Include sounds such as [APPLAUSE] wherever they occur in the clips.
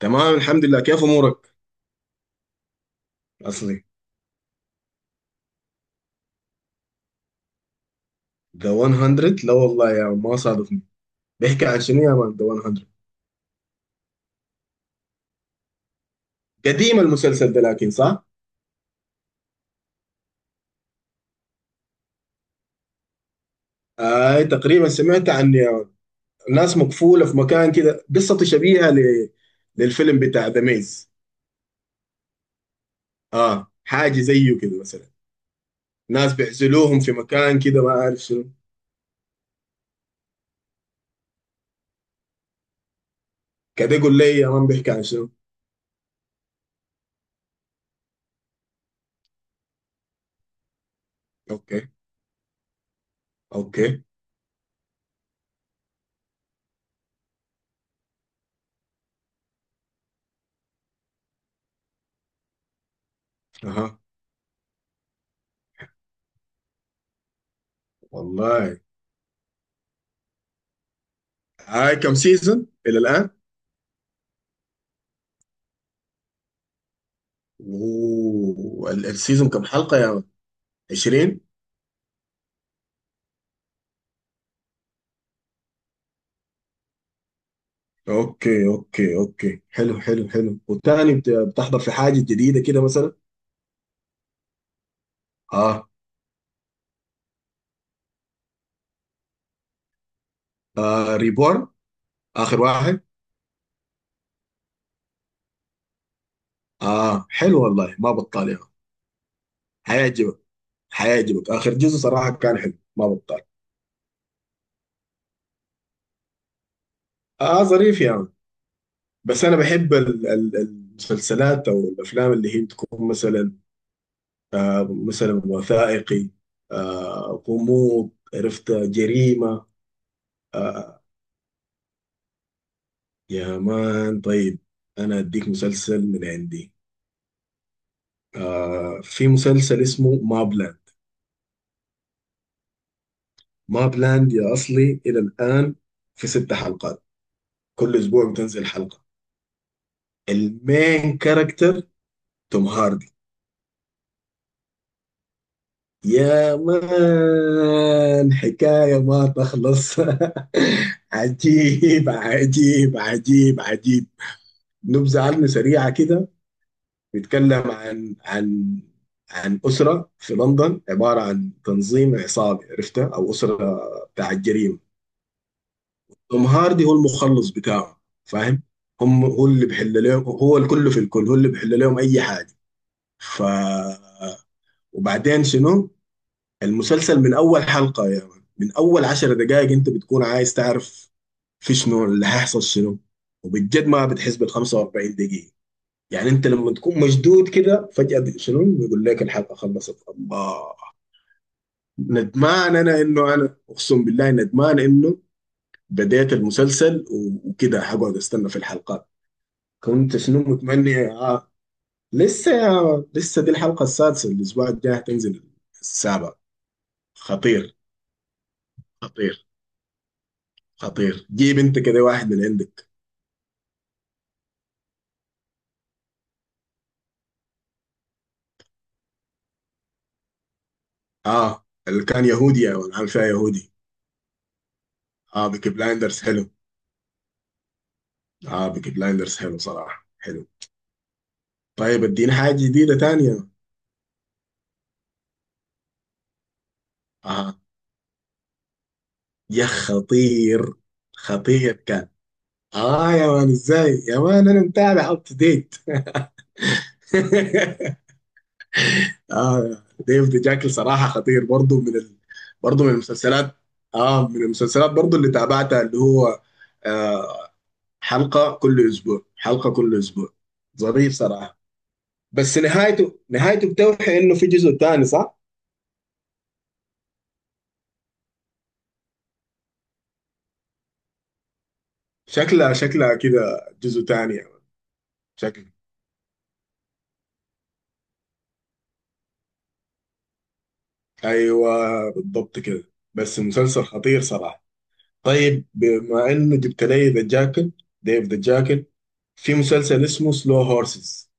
تمام الحمد لله، كيف امورك؟ اصلي ذا 100، لا والله يا ما صادفني. بيحكي عن شنو يا مان ذا 100؟ قديم المسلسل ده لكن صح. تقريبا سمعت عن ناس مقفوله في مكان كده، قصته شبيهه للفيلم بتاع ذا ميز. اه حاجه زيه كده مثلا. ناس بيعزلوهم في مكان كده، ما عارف شنو. كده قول لي يا مان بيحكي عن شنو. اوكي. اوكي. اها. والله. هاي كم سيزون الى الان؟ والسيزون كم حلقه يا مان؟ 20. اوكي، اوكي، اوكي، حلو، حلو، حلو. والتاني بتحضر في حاجه جديده كده مثلا؟ اه. ريبورن، اخر واحد. اه حلو والله، ما بطال يا عم. حيعجبك. حيعجبك، اخر جزء صراحه كان حلو، ما بطال. اه ظريف يا عم. بس انا بحب المسلسلات او الافلام اللي هي تكون مثلا مثلا وثائقي، غموض، عرفت، جريمه. آه يا مان طيب، انا اديك مسلسل من عندي. في مسلسل اسمه ما بلاند. ما بلاند يا أصلي، إلى الآن في 6 حلقات، كل أسبوع بتنزل حلقة. المين كاركتر توم هاردي. يا مان حكاية ما تخلص. [LAUGHS] عجيب عجيب عجيب عجيب. نبذة عنه سريعة كده. بيتكلم عن عن أسرة في لندن، عبارة عن تنظيم عصابي، عرفتها، أو أسرة بتاع الجريمة. توم هاردي هو المخلص بتاعه، فاهم؟ هم هو اللي بيحل لهم، هو الكل في الكل، هو اللي بيحل لهم اي حاجه. ف وبعدين شنو؟ المسلسل من اول حلقه يا يعني من اول 10 دقائق، انت بتكون عايز تعرف في شنو، اللي هيحصل شنو. وبجد ما بتحس بال 45 دقيقه. يعني انت لما تكون مشدود كده فجاه شنو بيقول لك الحلقه خلصت، الله! ندمان انا انه، انا اقسم بالله ندمان انه بديت المسلسل، وكده هقعد استنى في الحلقات. كنت شنو متمني. لسه يا لسه، دي الحلقة السادسة، الأسبوع الجاي تنزل السابع. خطير. خطير، خطير. جيب أنت كده واحد من عندك. اللي كان يهودي يا ولد، عامل فيها يهودي. آه بيكي بلايندرز حلو. آه بيكي بلايندرز حلو صراحة، حلو. طيب اديني حاجة جديدة تانية. آه يا خطير. خطير كان. يا مان إزاي يا مان، أنا متابع أب تو ديت. [LAUGHS] اه ديف دي جاكل صراحه خطير برضه، من برضه من المسلسلات. اه من المسلسلات برضه اللي تابعتها، اللي هو آه حلقه كل اسبوع، حلقه كل اسبوع. ظريف صراحه. بس نهايته بتوحي انه في جزء تاني، صح؟ شكلها كده جزء تاني يعني. شكل. ايوه، بالضبط كده. بس مسلسل خطير صراحه. طيب بما انه جبت لي ذا جاكل، ديف ذا جاكل، في مسلسل اسمه سلو هورسز.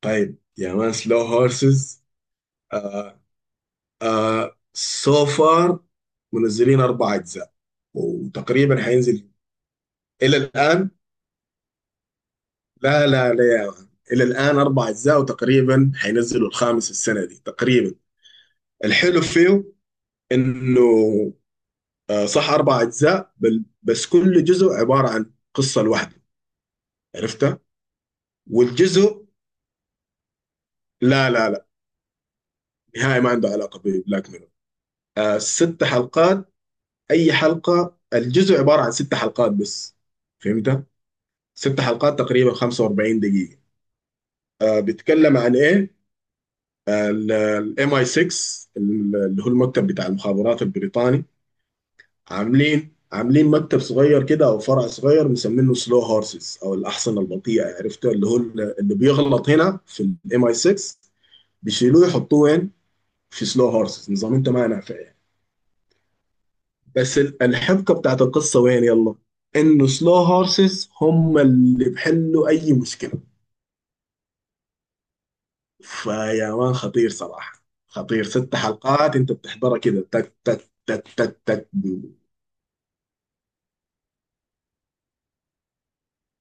طيب يا مان، سلو هورسز. آه. آه سو فار منزلين 4 اجزاء وتقريبا حينزل الى الان. لا لا لا يا مان. الى الان 4 اجزاء وتقريبا حينزلوا الخامس السنه دي تقريبا. الحلو فيه انه صح 4 اجزاء، بس كل جزء عباره عن قصه لوحده، عرفتها. والجزء، لا لا لا، نهائي ما عنده علاقه ببلاك ميرور. آه ست حلقات، اي حلقه الجزء عباره عن 6 حلقات بس، فهمت؟ 6 حلقات تقريبا 45 دقيقة. بيتكلم عن ايه؟ الام اي 6، اللي هو المكتب بتاع المخابرات البريطاني. عاملين مكتب صغير كده او فرع صغير مسمينه سلو هورسز او الاحصنه البطيئه، عرفته؟ اللي هو اللي بيغلط هنا في الام اي 6 بيشيلوه يحطوه وين؟ في سلو هورسز. نظام انت ما نافع يعني. بس الحبكه بتاعت القصه وين يلا؟ انه سلو هورسز هم اللي بحلوا اي مشكله. فيا مان خطير صراحة، خطير، ست حلقات انت بتحضرها كده تك تك تك تك تك.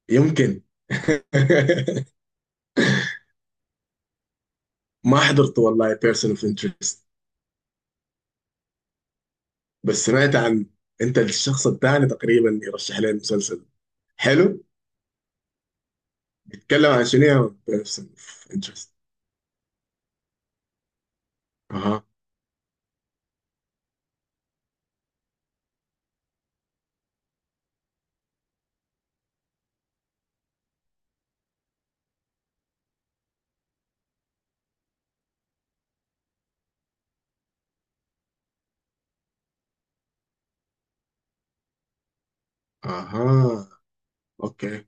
يمكن. [LAUGHS] ما حضرت والله بيرسون اوف انترست، بس سمعت عن، انت الشخص الثاني تقريبا يرشح لي المسلسل. حلو. بيتكلم عن شنو يا بيرسون اوف انترست؟ اها. اها. اوكي.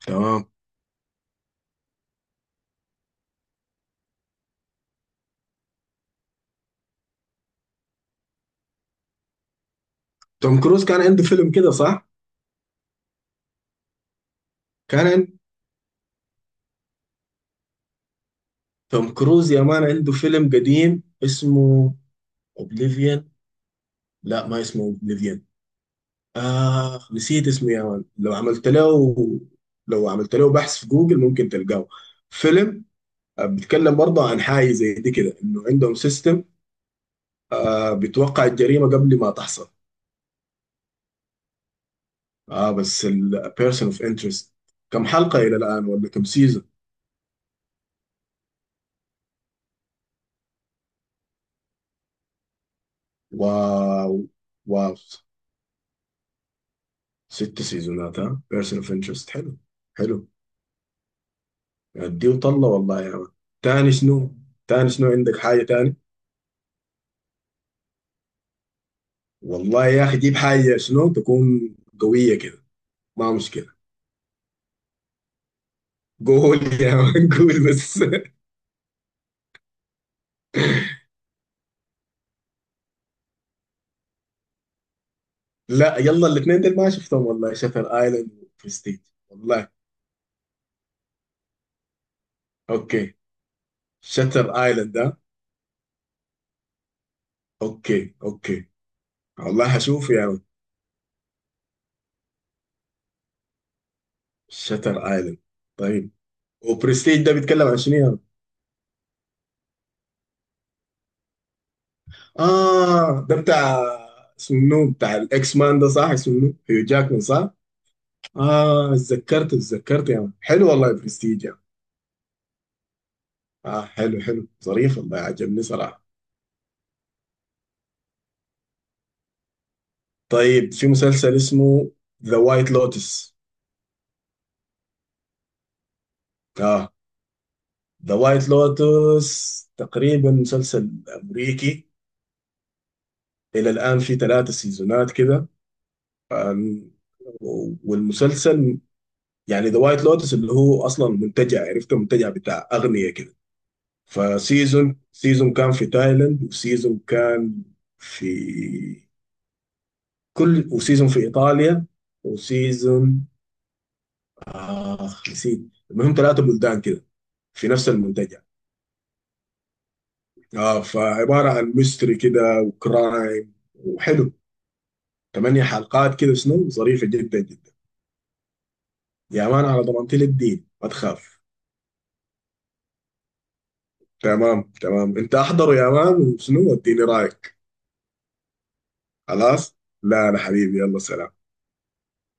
تمام. توم كروز كان عنده فيلم كده صح؟ كان عن- توم كروز يا مان عنده فيلم قديم اسمه اوبليفيان. لا ما اسمه اوبليفيان. نسيت اسمه يا مان، لو عملت له، لو عملت له بحث في جوجل ممكن تلقاه. فيلم بيتكلم برضه عن حاجة زي دي كده، انه عندهم سيستم بيتوقع الجريمة قبل ما تحصل. اه بس البيرسون اوف انترست كم حلقة إلى الآن، ولا كم سيزون؟ واو. واو. 6 سيزونات، ها، بيرسون اوف انترست حلو. حلو. ادي وطلع والله يا مان. تاني شنو؟ تاني شنو عندك، حاجة تاني؟ والله يا أخي جيب حاجة شنو تكون قوية كده، ما مشكلة. قول يا [LAUGHS] مان قول بس. لا يلا، الاثنين دول ما شفتهم والله، شاتر ايلاند وبرستيج. والله. اوكي. شاتر ايلاند ده. اوكي، اوكي. والله هشوف يا مان. شاتر ايلاند. طيب، وبرستيج ده بيتكلم عن شنو يا مان؟ اه ده بتاع، اسمه منو؟ بتاع الاكس مان ده، صح؟ اسمه منو؟ هيو جاكمان صح؟ اه اتذكرت يا مان، حلو والله برستيج يا مان. اه حلو، حلو، ظريف والله، عجبني صراحة. طيب في مسلسل اسمه ذا وايت لوتس. اه ذا وايت لوتس تقريبا مسلسل امريكي، الى الان في 3 سيزونات كده. آم، والمسلسل يعني ذا وايت لوتس اللي هو اصلا منتجع، عرفته، منتجع بتاع اغنية كده. سيزون كان في تايلاند، وسيزون كان في كل، وسيزون في ايطاليا، وسيزون اخ نسيت. المهم 3 بلدان كده في نفس المنتجع. اه فعبارة عن ميستري كده وكرايم، وحلو، 8 حلقات كده شنو، ظريفة جدا جدا. يا مان على ضمانتي الدين، ما تخاف. تمام، تمام، انت احضره يا مان وشنو اديني رايك. خلاص. لا لا حبيبي، يلا سلام.